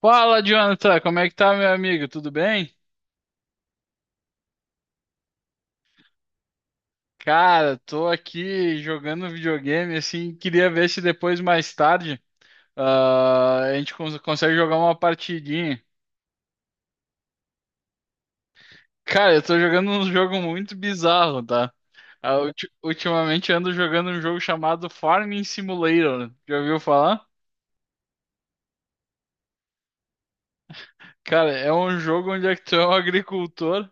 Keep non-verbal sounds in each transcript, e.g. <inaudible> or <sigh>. Fala, Jonathan, como é que tá, meu amigo? Tudo bem? Cara, tô aqui jogando videogame, assim, queria ver se depois, mais tarde, a gente consegue jogar uma partidinha. Cara, eu tô jogando um jogo muito bizarro, tá? Ultimamente ando jogando um jogo chamado Farming Simulator, já ouviu falar? Cara, é um jogo onde é que tu é um agricultor.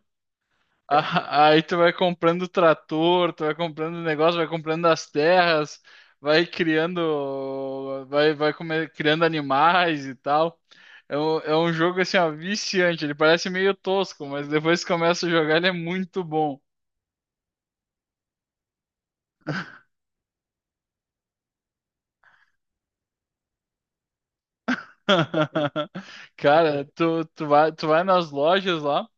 Aí tu vai comprando trator, tu vai comprando negócio, vai comprando as terras, vai criando, criando animais e tal. É um jogo assim, ó, viciante. Ele parece meio tosco, mas depois que começa a jogar, ele é muito bom. <laughs> Cara, tu vai nas lojas lá.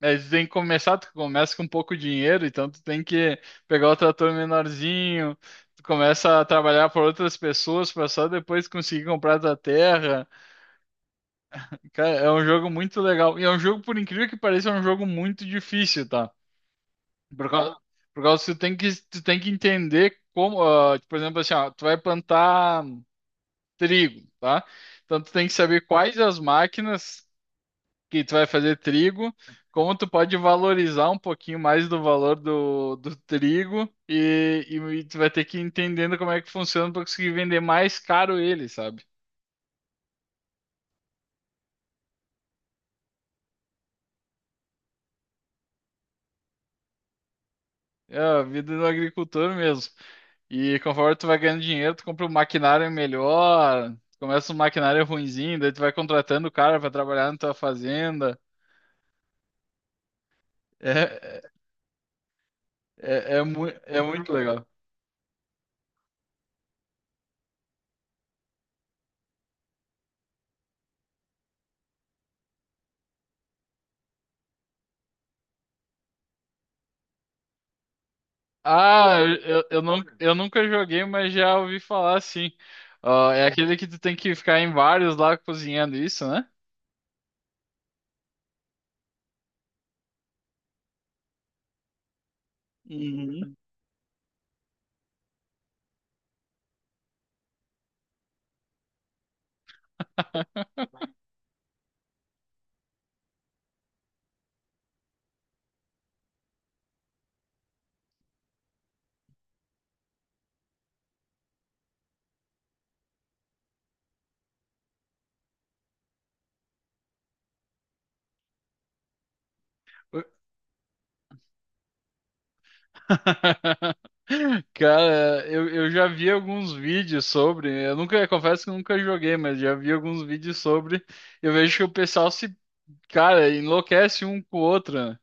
Mas tu tem que começar, tu começa com pouco dinheiro, então tu tem que pegar o trator menorzinho, tu começa a trabalhar por outras pessoas para só depois conseguir comprar a tua terra. Cara, é um jogo muito legal. E é um jogo, por incrível que pareça, é um jogo muito difícil, tá? Por causa, por causa que tu tem que entender como, por exemplo, assim, ó, tu vai plantar trigo, tá? Então tu tem que saber quais as máquinas que tu vai fazer trigo, como tu pode valorizar um pouquinho mais do valor do trigo e tu vai ter que ir entendendo como é que funciona para conseguir vender mais caro ele, sabe? É a vida do agricultor mesmo. E conforme tu vai ganhando dinheiro, tu compra um maquinário melhor, começa um maquinário ruinzinho, daí tu vai contratando o cara para trabalhar na tua fazenda. É, é muito legal. Ah, não, eu nunca joguei, mas já ouvi falar assim. Ó, é aquele que tu tem que ficar em vários lá cozinhando isso, né? Uhum. <laughs> Cara, eu já vi alguns vídeos sobre. Eu nunca, confesso que eu nunca joguei, mas já vi alguns vídeos sobre. Eu vejo que o pessoal se, cara, enlouquece um com o outro, né?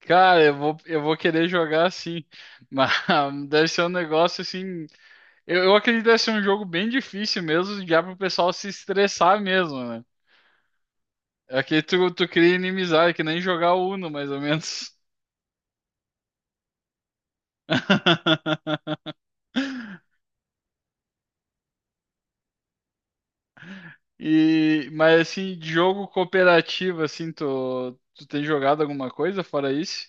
Cara, eu vou querer jogar assim. Mas <laughs> deve ser um negócio assim. Eu acredito que deve ser um jogo bem difícil mesmo, já pro pessoal se estressar mesmo, né? Aqui tu cria inimizade, que nem jogar Uno, mais ou menos. <laughs> E, mas assim, de jogo cooperativo, assim, tu tem jogado alguma coisa fora isso?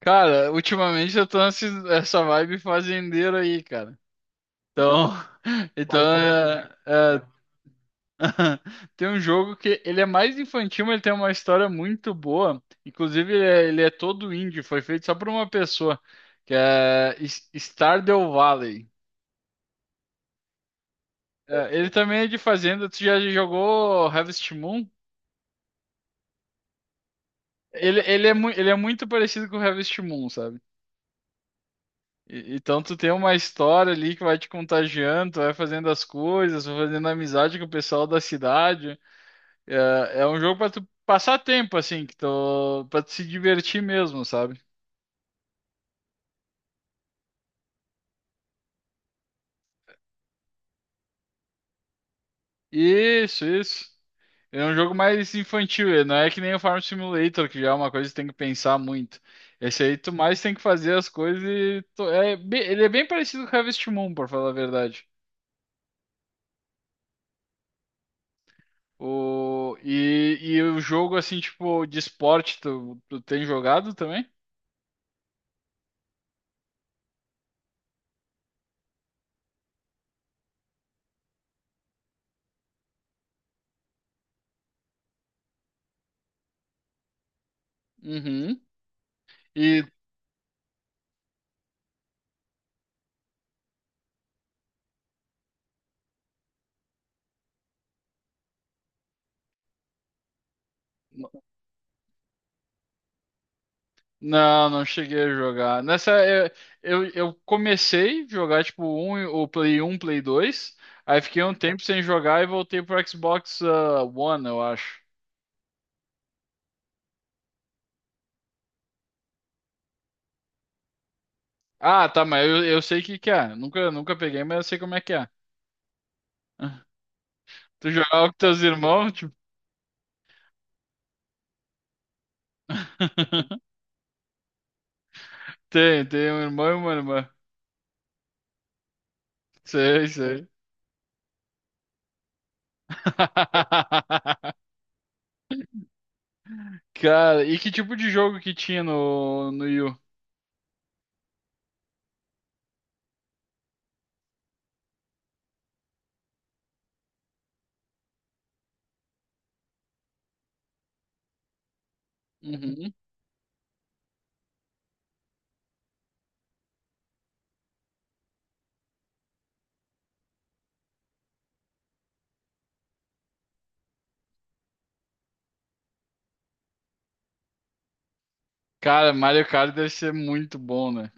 Cara, ultimamente eu tô essa vibe fazendeiro aí, cara. Então, <laughs> então é, é, <laughs> tem um jogo que ele é mais infantil, mas ele tem uma história muito boa. Inclusive, ele é todo indie, foi feito só por uma pessoa, que é Stardew Valley. É, ele também é de fazenda. Tu já jogou Harvest Moon? Ele é muito parecido com o Harvest Moon, sabe? Então tu tem uma história ali que vai te contagiando, tu vai fazendo as coisas, vai fazendo amizade com o pessoal da cidade. É, é um jogo pra tu passar tempo, assim, que tu, pra tu se divertir mesmo, sabe? Isso, isso. É um jogo mais infantil, ele não é que nem o Farm Simulator, que já é uma coisa que tem que pensar muito. Esse aí tu mais tem que fazer as coisas e ele é bem parecido com o Harvest Moon, por falar a verdade. O, e o jogo assim, tipo, de esporte, tu tem jogado também? Uhum. E, não, não cheguei a jogar. Nessa, eu comecei a jogar o Play um, Play 2. Aí fiquei um tempo sem jogar e voltei pro Xbox One, eu acho. Ah, tá, mas eu sei o que que é. Nunca, nunca peguei, mas eu sei como é que é. <laughs> Tu jogava com teus irmãos? Tipo... <laughs> Tem, tem um irmão e uma irmã. Sei, sei. <laughs> Cara, e que tipo de jogo que tinha no, no Wii U? Uhum. Cara, Mario Kart deve ser muito bom, né?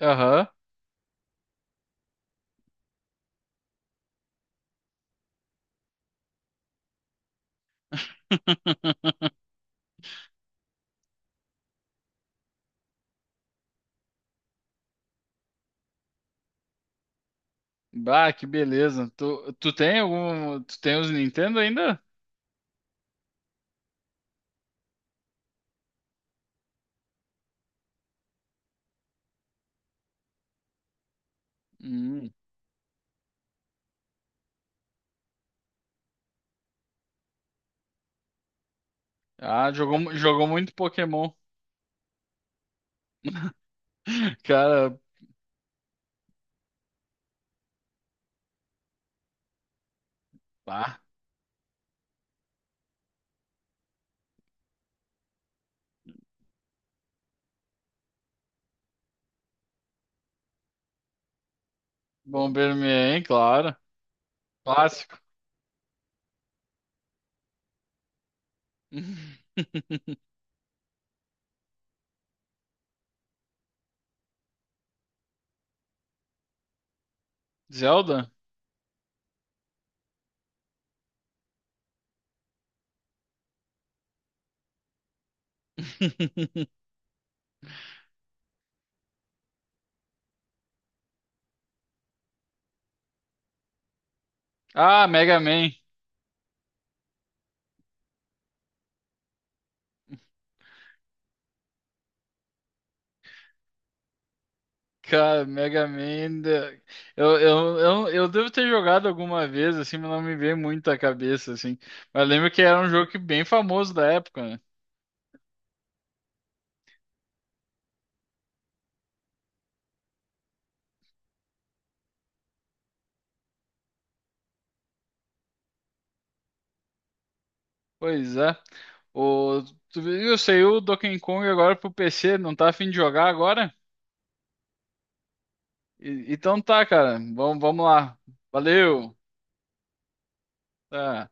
Aham. Bah, que beleza. Tu, tu tem algum. Tu tem os Nintendo ainda? Hum. Ah, jogou, jogou muito Pokémon. <laughs> Cara, pá. Bomberman, claro. Clássico. <laughs> Zelda? <laughs> Ah, Mega Man. Cara, Mega Man ainda- eu devo ter jogado alguma vez, assim, mas não me veio muito à cabeça, assim. Mas lembro que era um jogo que bem famoso da época, né? Pois é. O, tu viu, saiu o Donkey Kong agora pro PC, não tá afim de jogar agora? Então tá, cara. Vamos lá. Valeu. Tá.